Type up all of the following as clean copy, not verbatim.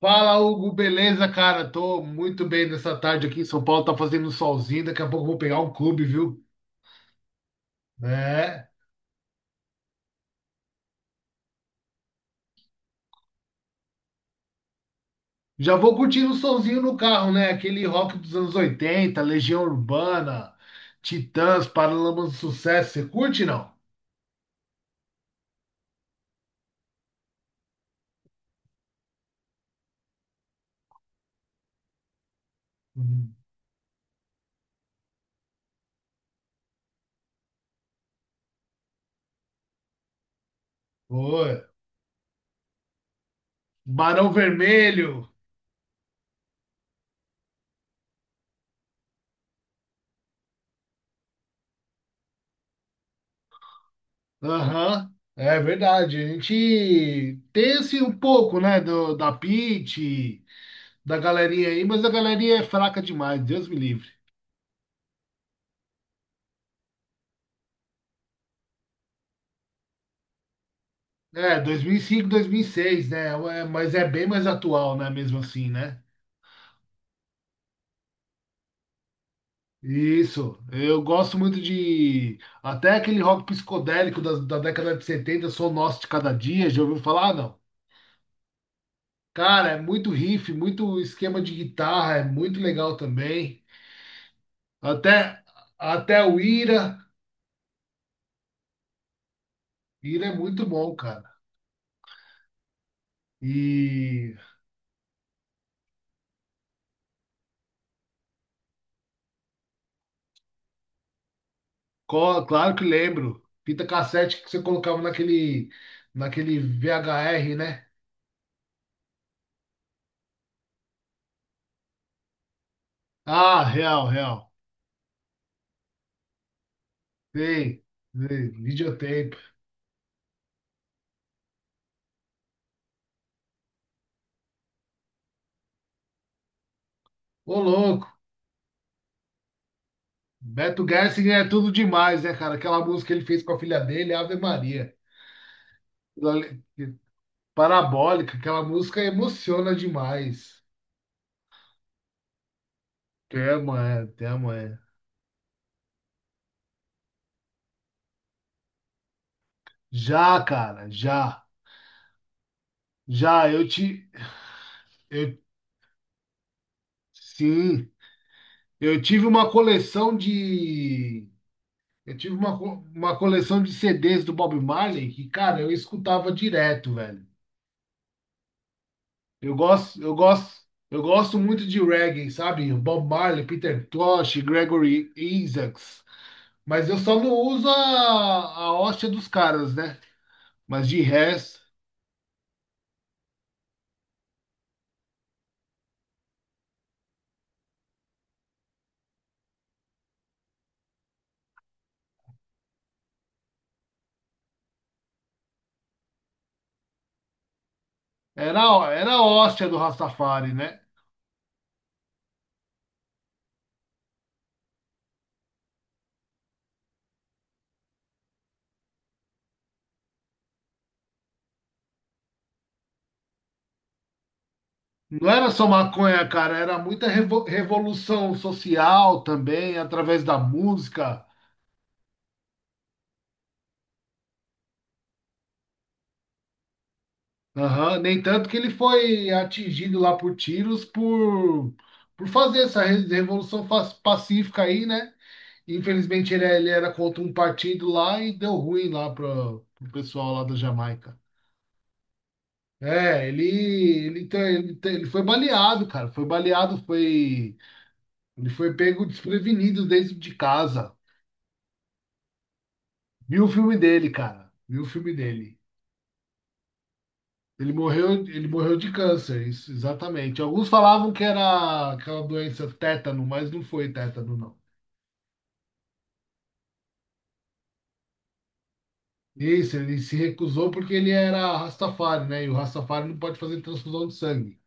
Fala, Hugo, beleza, cara? Tô muito bem nessa tarde aqui em São Paulo, tá fazendo um solzinho, daqui a pouco eu vou pegar um clube, viu? É. Já vou curtindo o solzinho no carro, né? Aquele rock dos anos 80, Legião Urbana, Titãs, Paralamas do Sucesso, você curte, não? Uhum. Pô, Barão Vermelho, aham. É verdade, a gente tem assim um pouco, né, do, da Pitty, da galerinha aí, mas a galerinha é fraca demais, Deus me livre. É, dois mil e cinco, dois mil e seis, né? É, mas é bem mais atual, né? Mesmo assim, né? Isso. Eu gosto muito de. Até aquele rock psicodélico da década de 70, Sou Nosso de Cada Dia, já ouviu falar? Ah, não. Cara, é muito riff, muito esquema de guitarra, é muito legal também. Até, até o Ira. Ira é muito bom, cara. E Claro que lembro. Fita cassete que você colocava naquele VHR, né? Ah, real, real. Sei, sei, videotape. Ô, louco, Beto Gershing é tudo demais, né, cara? Aquela música que ele fez com a filha dele, Ave Maria. Aquilo ali- Parabólica, aquela música emociona demais. Até amanhã, até amanhã. Já, cara, já. Já, eu te. Eu, sim, eu tive uma coleção de. Eu tive uma coleção de CDs do Bob Marley que, cara, eu escutava direto, velho. Eu gosto muito de reggae, sabe? Bob Marley, Peter Tosh, Gregory Isaacs. Mas eu só não uso a hóstia dos caras, né? Mas de resto, era, era a hóstia do Rastafari, né? Não era só maconha, cara, era muita revolução social também, através da música. Aham. Nem tanto que ele foi atingido lá por tiros por fazer essa revolução pacífica aí, né? Infelizmente ele era contra um partido lá e deu ruim lá para o pessoal lá da Jamaica. É, ele foi baleado, cara. Foi baleado, foi. Ele foi pego desprevenido dentro de casa. Viu o filme dele, cara. Viu o filme dele. Ele morreu de câncer, isso, exatamente. Alguns falavam que era aquela doença tétano, mas não foi tétano, não. Isso, ele se recusou porque ele era Rastafari, né? E o Rastafari não pode fazer transfusão de sangue.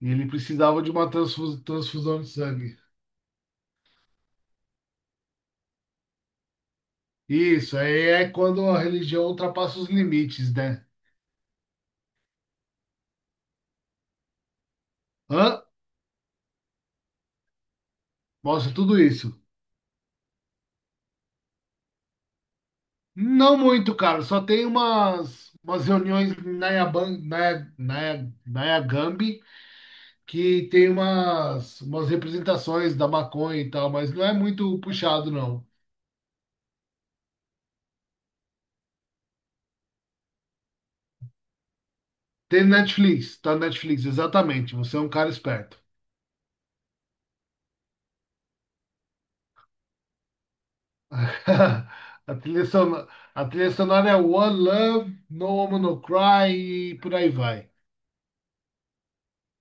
E ele precisava de uma transfusão de sangue. Isso, aí é quando a religião ultrapassa os limites, né? Hã? Mostra tudo isso. Não muito, cara. Só tem umas reuniões em na Naya, na Nayagambi que tem umas representações da maconha e tal, mas não é muito puxado, não. Tem Netflix, tá no Netflix, exatamente. Você é um cara esperto. A trilha sonora, a trilha sonora é One Love, No Woman No Cry e por aí vai.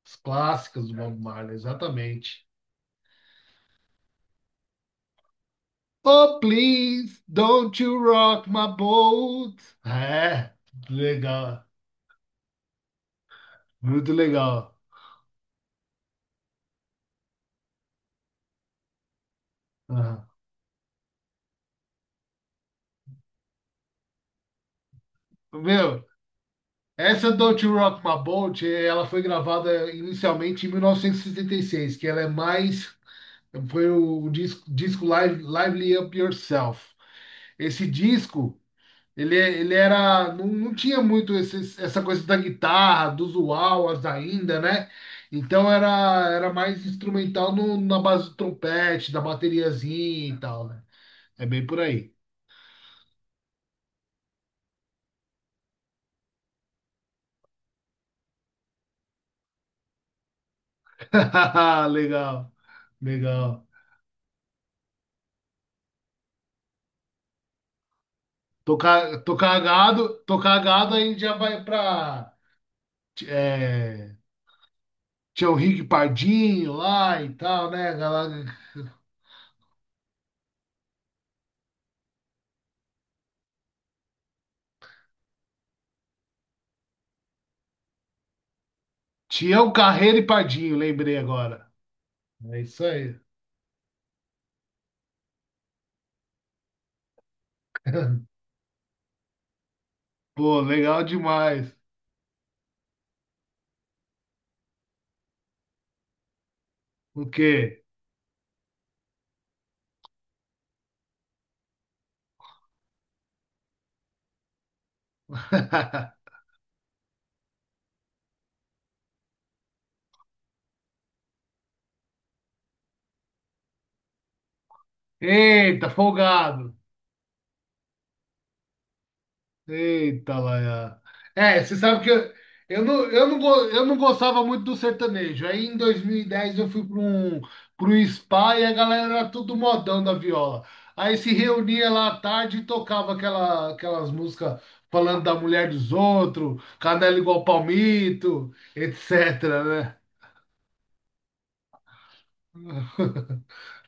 Os clássicos do Bob Marley, exatamente. Oh, please, don't you rock my boat. É, legal, muito legal. Aham. Meu, essa Don't You Rock My Boat, ela foi gravada inicialmente em mil novecentos e sessenta e seis, que ela é mais, foi o disco Live, Lively Up Yourself. Esse disco. Ele era. Não, não tinha muito essa coisa da guitarra, dos uauas ainda, né? Então era mais instrumental na base do trompete, da bateriazinha e tal, né? É bem por aí. Legal, legal. Tocar gado aí já vai pra é, Tião Henrique Pardinho lá e tal, né? Galera? Tião Carreiro e Pardinho, lembrei agora. É isso aí. Pô, legal demais. O quê? Eita, folgado. Eita, Laia. É, você sabe que eu não gostava muito do sertanejo. Aí em 2010, eu fui para um spa e a galera era tudo modão da viola. Aí se reunia lá à tarde e tocava aquelas músicas falando da mulher dos outros, canela igual palmito, etc, né?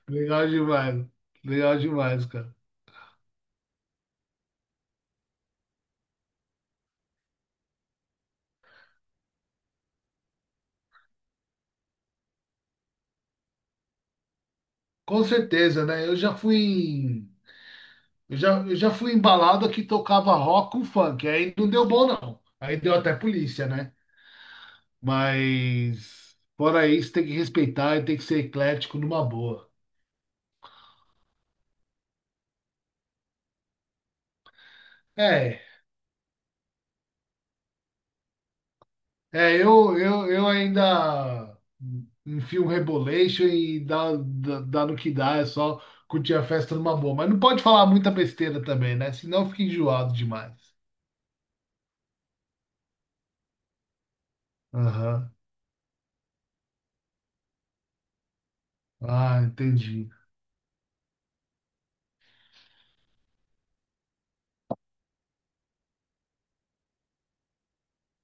Legal demais. Legal demais, cara. Com certeza, né? Eu já fui embalado que tocava rock com funk. Aí não deu bom, não. Aí deu até polícia, né? Mas fora isso, tem que respeitar e tem que ser eclético numa boa. É, eu ainda enfio um rebolation e dá no que dá, é só curtir a festa numa boa. Mas não pode falar muita besteira também, né? Senão fica enjoado demais. Aham. Ah, entendi.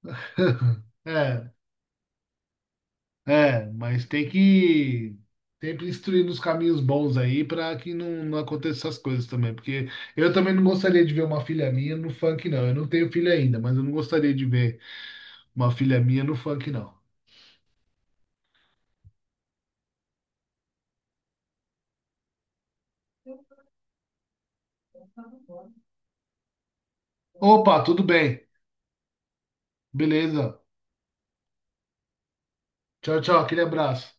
É. É, mas tem que sempre instruir nos caminhos bons aí para que não aconteça essas coisas também. Porque eu também não gostaria de ver uma filha minha no funk, não. Eu não tenho filha ainda, mas eu não gostaria de ver uma filha minha no funk, não. Opa, tudo bem. Beleza. Tchau, tchau. Aquele abraço.